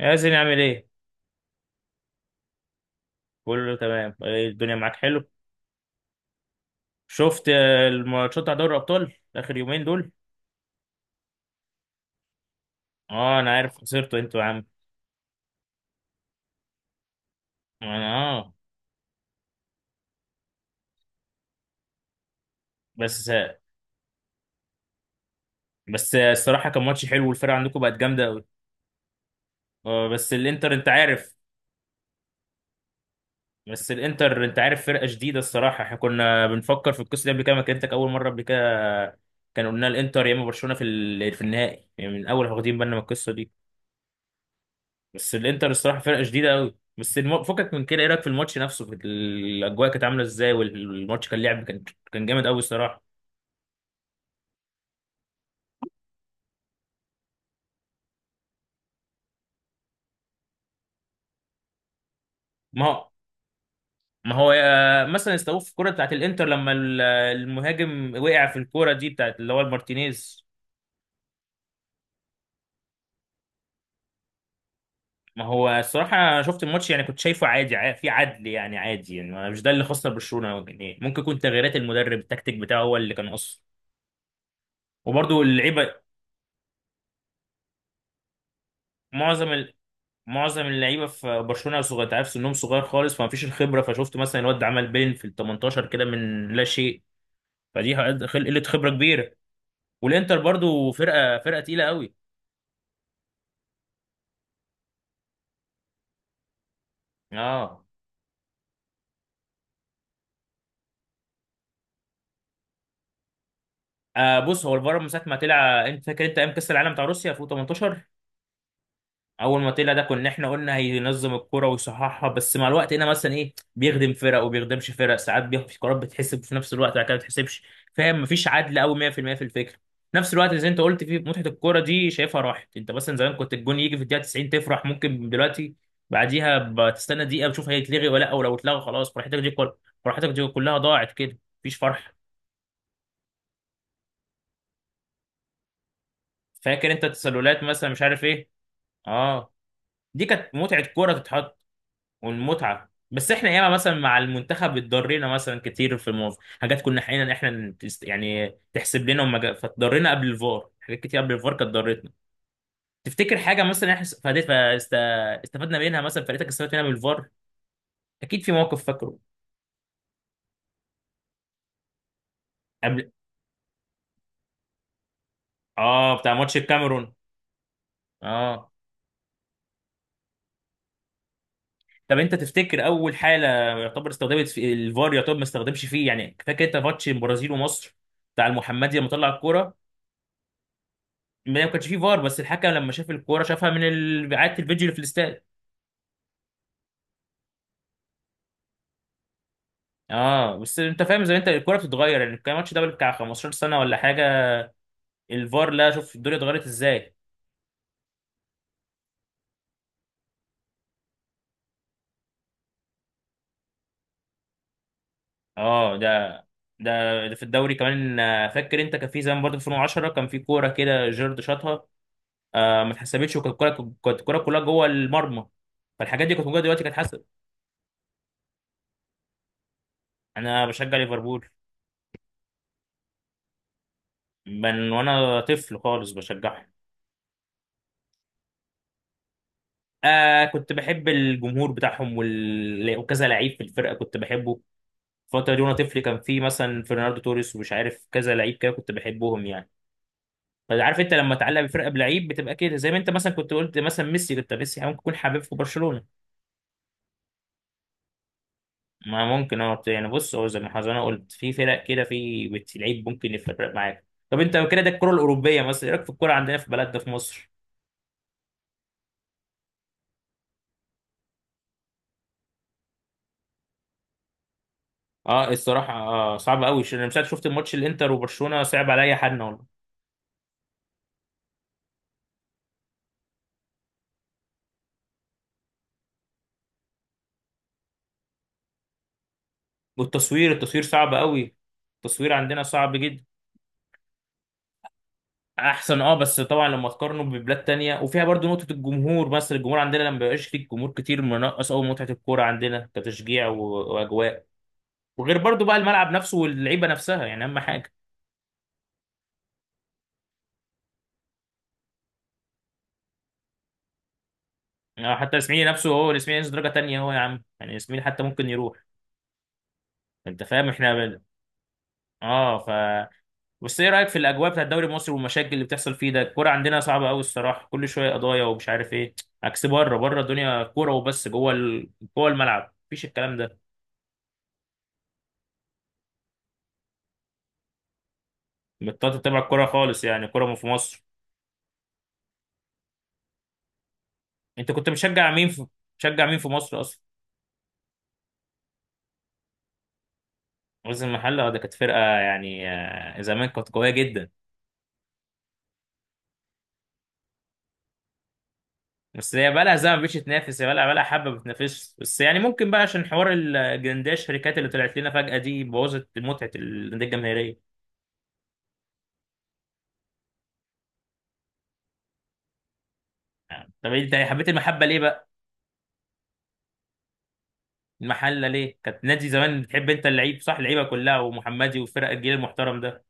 ياسين عامل ايه؟ كله تمام، إيه الدنيا معاك حلو؟ شفت، آه، الماتشات بتاع دوري الابطال اخر يومين دول؟ اه انا عارف خسرتوا انتوا يا عم. انا اه، بس بس الصراحه كان ماتش حلو والفرقه عندكم بقت جامده قوي. اه بس الانتر انت عارف. بس الانتر انت عارف فرقه جديده الصراحه، احنا كنا بنفكر في القصه دي قبل كده، ما كنتك اول مره قبل كده. كان قلنا الانتر يا اما برشلونه في في النهائي، يعني من الاول واخدين بالنا من القصه دي. بس الانتر الصراحه فرقه شديده قوي. بس فكك من كده، ايه رايك في الماتش نفسه؟ في الاجواء كانت عامله ازاي والماتش كان لعب كان، كان جامد قوي الصراحه. ما هو ما هو مثلا استوقف في الكوره بتاعت الانتر لما المهاجم وقع في الكوره دي بتاعت اللي هو المارتينيز. ما هو الصراحه أنا شفت الماتش، يعني كنت شايفه عادي، في عدل يعني عادي، يعني مش ده اللي خسر برشلونه. يعني ممكن يكون تغييرات المدرب، التكتيك بتاعه هو اللي كان قصه، وبرده اللعيبه. معظم معظم اللعيبه في برشلونه صغير، تعرف سنهم صغير خالص، فمفيش الخبره. فشفت مثلا الواد ده عمل بين في ال 18 كده من لا شيء. فدي قله خبره كبيره. والانتر برضو فرقه تقيله قوي. اه. آه، بص، هو الفار من ساعه ما طلع، انت فاكر انت ايام كاس العالم بتاع روسيا في 18، اول ما طلع ده كنا احنا قلنا هينظم الكرة ويصححها. بس مع الوقت هنا مثلا ايه، بيخدم فرق وبيخدمش فرق، ساعات بياخد في قرارات بتحسب في نفس الوقت بعد كده ما بتحسبش، فاهم؟ مفيش عدل قوي 100% في المية في الفكره. في نفس الوقت زي انت قلت، في متعه الكوره دي شايفها راحت. انت مثلا زمان كنت الجون يجي في الدقيقه 90 تفرح، ممكن دلوقتي بعديها بتستنى دقيقه بتشوف هيتلغي ولا لا، ولو اتلغى خلاص فرحتك دي كلها ضاعت، كده مفيش فرحه. فاكر انت التسللات مثلا، مش عارف ايه. اه، دي كانت متعه كوره تتحط. والمتعه، بس احنا ياما مثلا مع المنتخب اتضرينا مثلا كتير في الموضوع، حاجات كنا حقيقة احنا يعني تحسب لنا وما جا- فاتضرينا قبل الفار. حاجات كتير قبل الفار كانت ضرتنا. تفتكر حاجه مثلا احنا استفدنا منها؟ مثلا فرقتك استفادت منها من الفار؟ اكيد في موقف فاكره. قبل، اه، بتاع ماتش الكاميرون. اه، طب انت تفتكر اول حاله يعتبر استخدمت في الفار، يعتبر ما استخدمش فيه؟ يعني فاكر انت ماتش البرازيل ومصر بتاع المحمدي لما طلع الكوره؟ ما كانش فيه فار، بس الحكم لما شاف الكوره شافها من اعاده الفيديو اللي في الاستاد. اه، بس انت فاهم زي ما انت الكوره بتتغير. يعني كان الماتش ده بتاع 15 سنه ولا حاجه، الفار لا، شوف الدنيا اتغيرت ازاي. اه. ده في الدوري كمان، آه، فاكر انت كان في زمان برضه 2010 كان في كوره كده جيرد شاطها، آه، ما اتحسبتش، وكانت الكوره، كانت الكوره كلها جوه المرمى. فالحاجات دي كانت موجوده دلوقتي كانت حسب. انا بشجع ليفربول. من وانا طفل خالص بشجعها. آه، كنت بحب الجمهور بتاعهم وال... وكذا لعيب في الفرقه كنت بحبه. الفتره دي وانا طفل كان في مثلا فرناردو توريس ومش عارف كذا لعيب كده كنت بحبهم يعني. فعارف انت لما تعلق بفرقه بلعيب بتبقى كده، زي ما انت مثلا كنت قلت مثلا ميسي، كنت ميسي يعني ممكن يكون حبيب في برشلونه. ما ممكن اه، يعني بص، هو زي ما حضرتك انا قلت في فرق كده، في لعيب ممكن يفرق معاك. طب انت كده ده الكره الاوروبيه، مثلا ايه رايك في الكره عندنا في بلدنا في مصر؟ اه الصراحه، آه، صعب قوي، انا مش عارف، شفت الماتش الانتر وبرشلونه، صعب عليا حد. والتصوير، التصوير صعب قوي. التصوير عندنا صعب جدا. احسن، اه، بس طبعا لما تقارنه ببلاد تانية، وفيها برضو نقطة الجمهور. مثلا الجمهور عندنا لما بيبقاش فيه جمهور كتير منقص قوي متعة الكورة عندنا، كتشجيع واجواء. وغير برضو بقى الملعب نفسه واللعيبة نفسها، يعني اهم حاجة. يعني حتى الاسماعيلي نفسه، هو الاسماعيلي نفسه درجة تانية، هو يا عم، يعني الاسماعيلي حتى ممكن يروح. انت فاهم احنا بل... اه، بس ايه رايك في الاجواء بتاعت الدوري المصري والمشاكل اللي بتحصل فيه ده؟ الكوره عندنا صعبه قوي الصراحه، كل شويه قضايا ومش عارف ايه. عكس بره، بره الدنيا كوره وبس، جوه ال... جوه الملعب مفيش الكلام ده. بطلت تتابع الكوره خالص يعني، كوره في مصر؟ انت كنت بتشجع مين في، بتشجع مين في مصر اصلا؟ غزل المحله، آه، ده كانت فرقه يعني، آه، زمان كانت قويه جدا. بس هي بقى لها زمن مش تنافس، هي بقى لها حبه بتنافس. بس يعني ممكن بقى عشان حوار الجنداش، الشركات اللي طلعت لنا فجاه دي بوظت متعه الانديه الجماهيريه. طب انت حبيت المحبه ليه بقى؟ المحله ليه كانت نادي زمان، بتحب انت اللعيب صح؟ اللعيبه كلها، ومحمدي، والفرق، الجيل المحترم ده.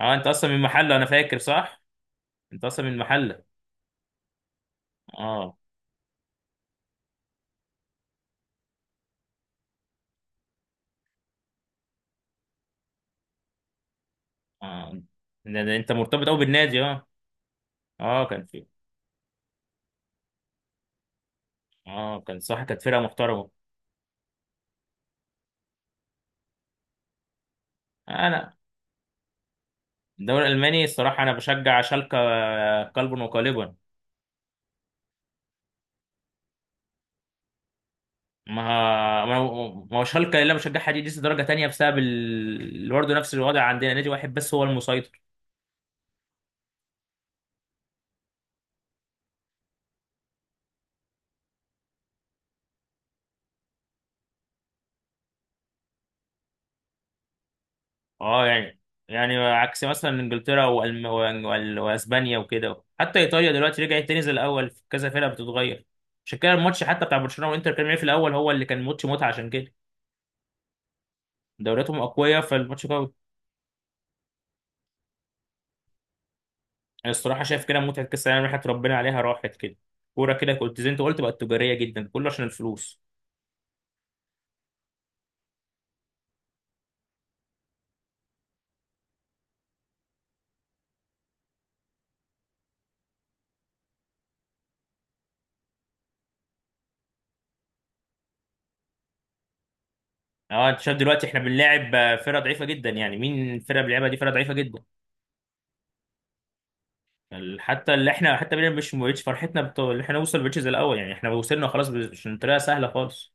اه، انت اصلا من المحله انا فاكر صح؟ انت اصلا من المحله. اه. اه. ده انت مرتبط قوي بالنادي اه. اه كان في. اه كان صح، كانت فرقه محترمه. انا الدوري الالماني الصراحه انا بشجع شالكه، آه، قلبا وقالبا. ما ما ما هو شالكه اللي انا بشجعها دي لسه درجه تانية بسبب ال... برضه نفس الوضع عندنا، نادي واحد بس هو المسيطر. اه، يعني، يعني عكس مثلا انجلترا واسبانيا وكده، حتى ايطاليا دلوقتي رجعت تاني زي الاول، في كذا فرقه بتتغير. عشان كده الماتش حتى بتاع برشلونه وانتر كان في الاول هو اللي كان ماتش متعه، عشان كده دورياتهم اقوياء فالماتش قوي. أنا الصراحه شايف كده متعه كاس العالم راحت، ربنا عليها راحت كده. كوره كده كنت زي انت قلت بقت تجاريه جدا، كله عشان الفلوس. اه انت شايف دلوقتي احنا بنلاعب، آه، فرقه ضعيفه جدا، يعني مين الفرقه اللي بنلعبها دي، فرقه ضعيفه جدا. حتى اللي احنا، حتى بينا مش، اللي احنا نوصل بيتش زي الاول، يعني احنا وصلنا خلاص مش طريقه سهله خالص.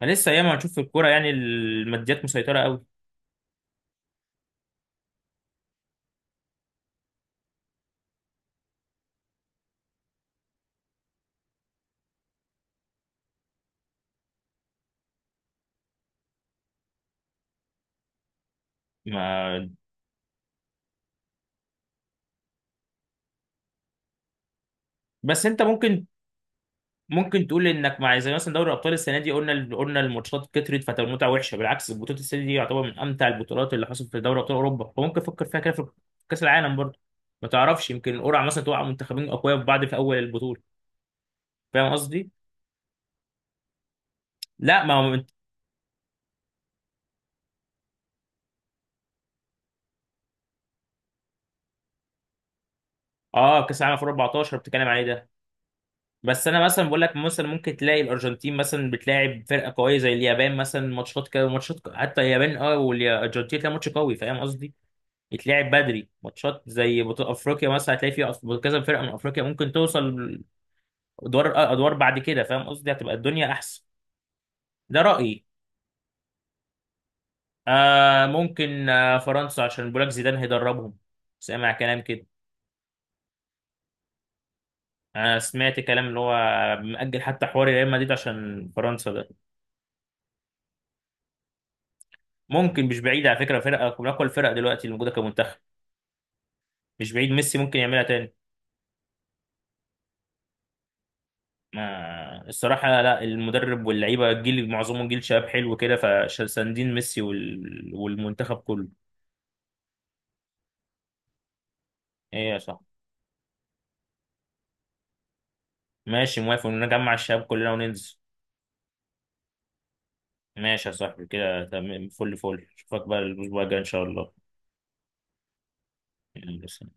فلسه ياما هنشوف في الكوره يعني، الماديات مسيطره قوي. ما، بس انت ممكن، ممكن تقول انك مع، زي مثلا دوري الابطال السنه دي قلنا، قلنا الماتشات كترت فتبقى المتعه وحشه، بالعكس البطوله السنه دي يعتبر من امتع البطولات اللي حصلت في دوري ابطال اوروبا. فممكن تفكر فيها كده في كاس العالم برضه، ما تعرفش يمكن قرعه مثلا توقع منتخبين اقوياء في بعض في اول البطوله. فاهم قصدي؟ لا ما هو اه، كاس العالم في 14 بتتكلم عليه ده. بس انا مثلا بقول لك مثلا ممكن تلاقي الارجنتين مثلا بتلاعب فرقه قويه زي اليابان مثلا، ماتشات كده، حتى اليابان اه والارجنتين تلاقي ماتش قوي، فاهم قصدي؟ يتلعب بدري ماتشات زي بطوله افريقيا مثلا، هتلاقي فيها كذا فرقه من افريقيا ممكن توصل ادوار بعد كده. فاهم قصدي؟ هتبقى الدنيا احسن. ده رايي. آه، ممكن، آه، فرنسا عشان بولاك زيدان هيدربهم، سامع كلام كده. انا سمعت كلام اللي هو، مأجل حتى حوار ريال مدريد عشان فرنسا ده. ممكن، مش بعيد على فكره، فرقه من اقوى الفرق دلوقتي اللي موجوده كمنتخب. مش بعيد ميسي ممكن يعملها تاني. ما الصراحه لا، المدرب واللعيبه، الجيل معظمهم جيل شباب حلو كده، فساندين ميسي وال... والمنتخب كله. ايه يا صاحبي؟ ماشي موافق ان نجمع الشباب كلنا وننزل. ماشي يا صاحبي كده تمام، فل فل، اشوفك بقى الاسبوع الجاي ان شاء الله. يلا، سلام.